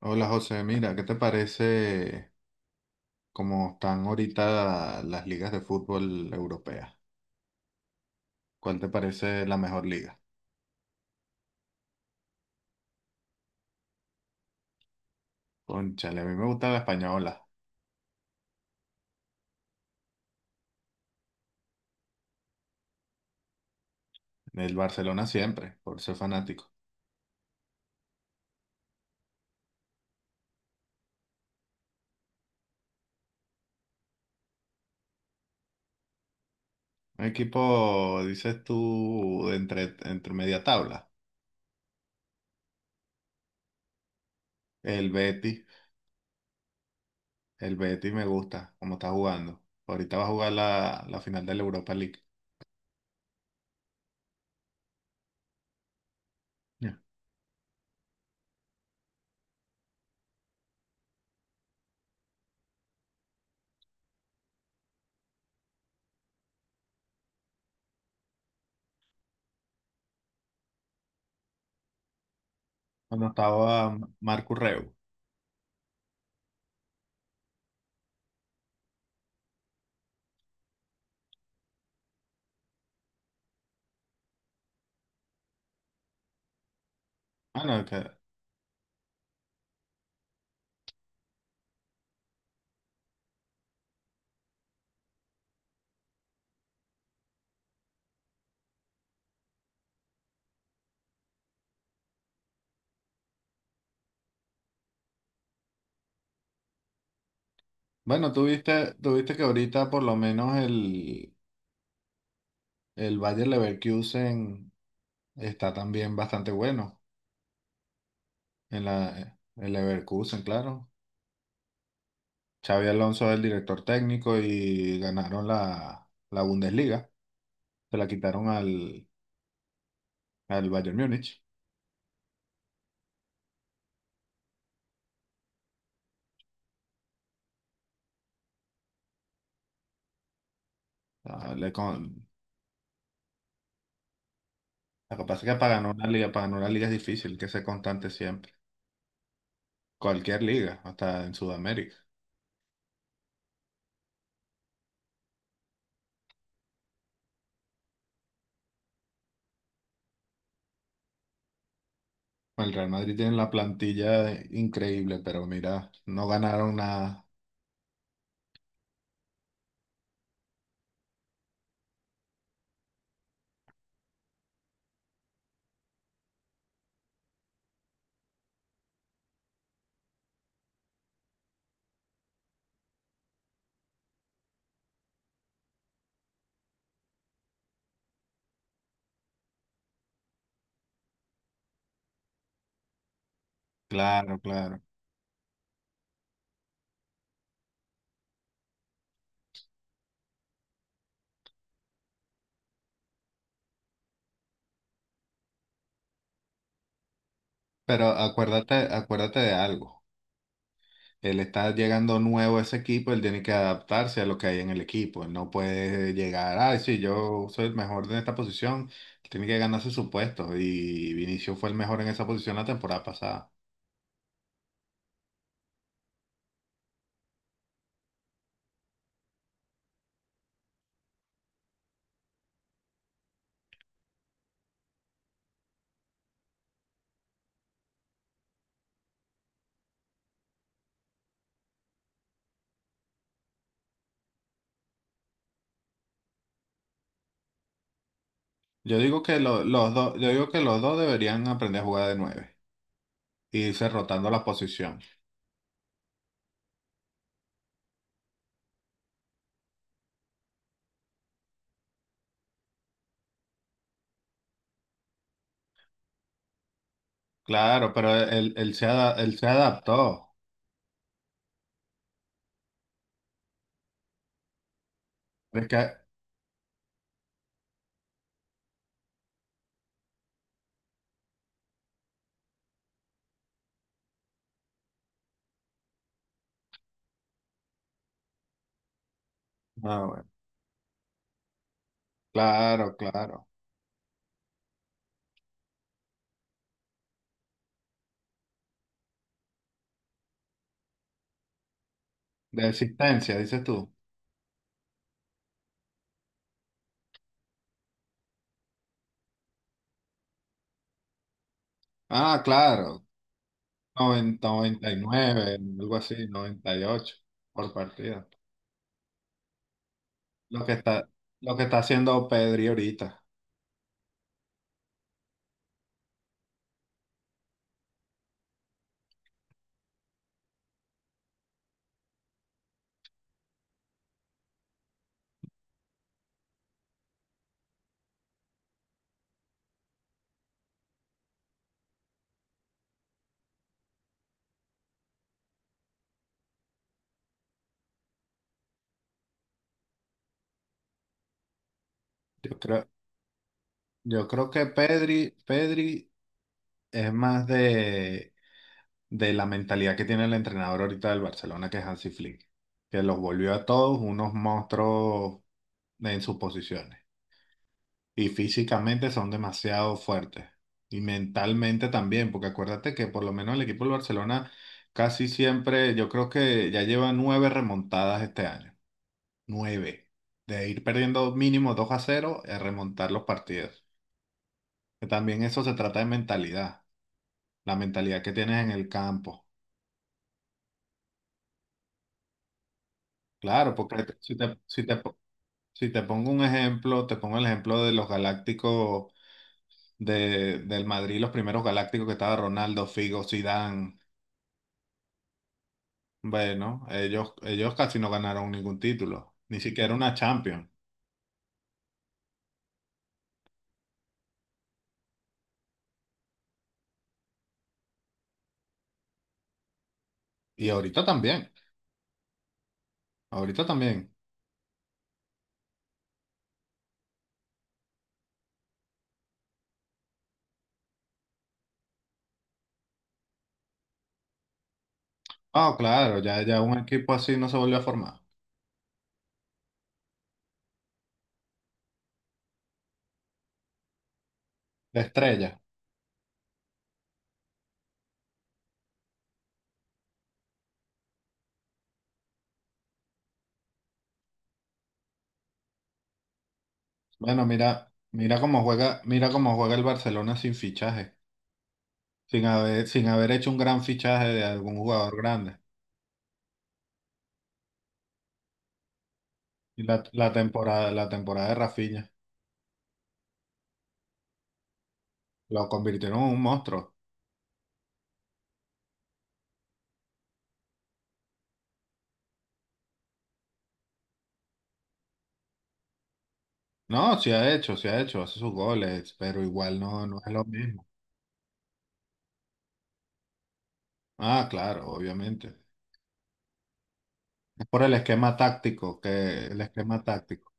Hola José, mira, ¿qué te parece cómo están ahorita las ligas de fútbol europeas? ¿Cuál te parece la mejor liga? Cónchale, a mí me gusta la española, el Barcelona siempre, por ser fanático. Un equipo, dices tú, de entre media tabla. El Betis, el Betis me gusta, cómo está jugando. Ahorita va a jugar la final de la Europa League. Ya. Cuando estaba Marcus Reu. Ah, no, que- Bueno, tuviste que ahorita por lo menos el El Bayer Leverkusen está también bastante bueno en el Leverkusen, claro. Xavi Alonso es el director técnico y ganaron la Bundesliga. Se la quitaron al Bayern Múnich. Ah, le con- lo que pasa es que para ganar una liga, para ganar una liga es difícil, hay que ser constante siempre. Cualquier liga, hasta en Sudamérica. El Real Madrid tiene la plantilla increíble, pero mira, no ganaron nada. Claro, claro. Pero acuérdate, acuérdate de algo. Él está llegando nuevo a ese equipo, él tiene que adaptarse a lo que hay en el equipo. Él no puede llegar, ay, sí, yo soy el mejor en esta posición. Él tiene que ganarse su puesto. Y Vinicius fue el mejor en esa posición la temporada pasada. Yo digo que los dos deberían aprender a jugar de nueve y irse rotando la posición. Claro, pero él se adaptó. Es que, bueno, claro, claro. De existencia, dices tú. Ah, claro. 90, 99 algo así, 98 por partida. Lo que está, lo que está haciendo Pedri ahorita. Yo creo, yo creo que Pedri, Pedri es más de, la mentalidad que tiene el entrenador ahorita del Barcelona, que es Hansi Flick, que los volvió a todos unos monstruos en sus posiciones. Y físicamente son demasiado fuertes. Y mentalmente también, porque acuérdate que por lo menos el equipo del Barcelona casi siempre, yo creo que ya lleva nueve remontadas este año. Nueve. De ir perdiendo mínimo 2-0 a remontar los partidos. Que también eso se trata de mentalidad. La mentalidad que tienes en el campo. Claro, porque te- si te, si te, po- si te pongo un ejemplo, te pongo el ejemplo de los Galácticos del Madrid, los primeros Galácticos que estaba Ronaldo, Figo, Zidane. Bueno, ellos casi no ganaron ningún título, ni siquiera una Champions. Y ahorita también, ahorita también. Ah, claro, ya, ya un equipo así no se volvió a formar. La estrella. Bueno, mira, mira cómo juega el Barcelona sin fichaje, sin haber hecho un gran fichaje de algún jugador grande. Y la temporada de Rafinha lo convirtieron en un monstruo. No, sí ha hecho, hace sus goles, pero igual no, es lo mismo. Ah, claro, obviamente. Es por el esquema táctico, que el esquema táctico,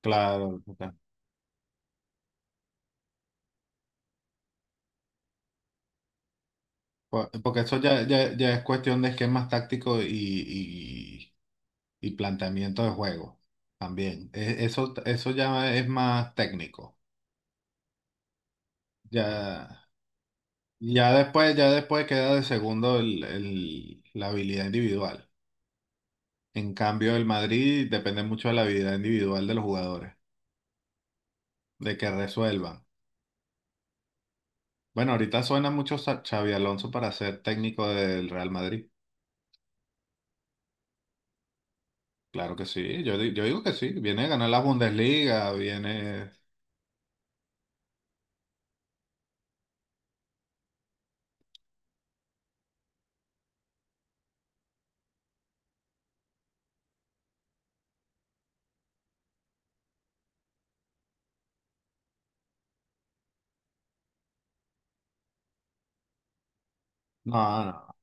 claro. O sea, porque eso ya, ya, ya es cuestión de esquemas tácticos y, y planteamiento de juego también. Eso, eso ya es más técnico. Ya, ya después queda de segundo la habilidad individual. En cambio, el Madrid depende mucho de la habilidad individual de los jugadores, de que resuelvan. Bueno, ahorita suena mucho Xavi Alonso para ser técnico del Real Madrid. Claro que sí, yo digo que sí, viene a ganar la Bundesliga, viene... No, no.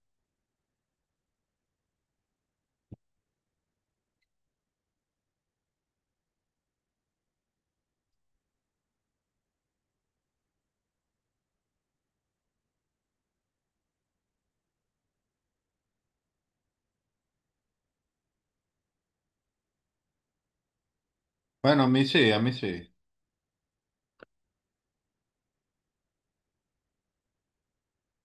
Bueno, a mí sí, a mí sí.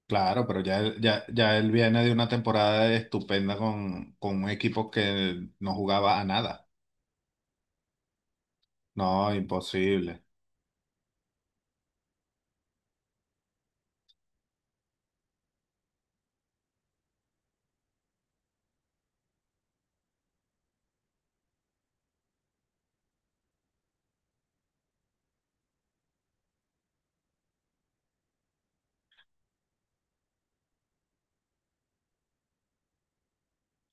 Claro, pero ya, él viene de una temporada estupenda con, un equipo que no jugaba a nada. No, imposible.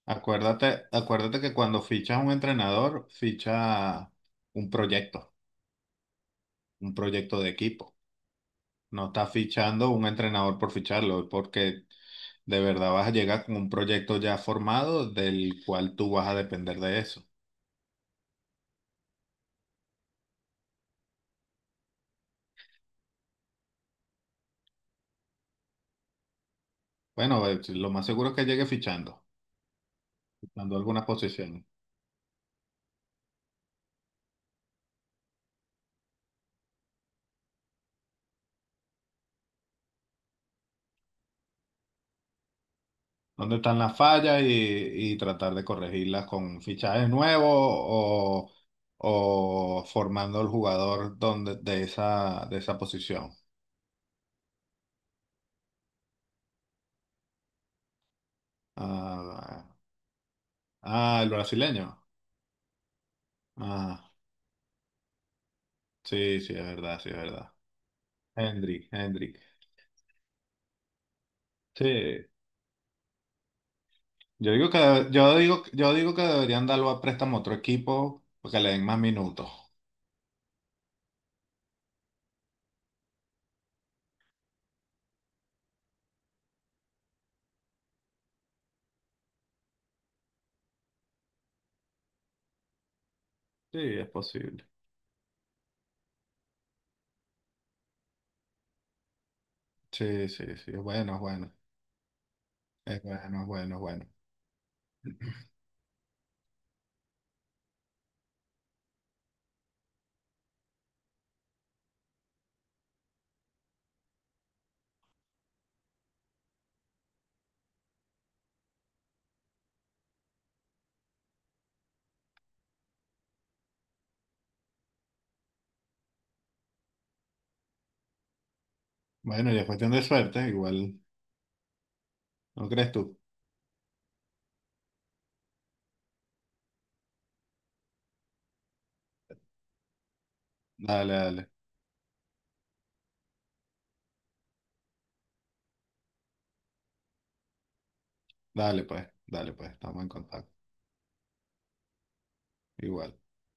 Acuérdate, acuérdate que cuando fichas a un entrenador, ficha un proyecto, un proyecto de equipo. No estás fichando un entrenador por ficharlo, porque de verdad vas a llegar con un proyecto ya formado del cual tú vas a depender de eso. Bueno, lo más seguro es que llegue fichando, fichando algunas posiciones. ¿Dónde están las fallas y tratar de corregirlas con fichajes nuevos o formando al jugador donde, de esa posición? Ah, ah, el brasileño. Ah, sí, sí, es verdad, sí, es verdad. Hendrik, Hendrik. Sí, yo digo que deberían darlo a préstamo a otro equipo porque le den más minutos. Sí, es posible. Sí, sí, sí, es bueno, es bueno. Es bueno, es bueno, es bueno. Bueno, y es cuestión de suerte, igual, ¿no crees tú? Dale, dale, dale pues, estamos en contacto. Igual.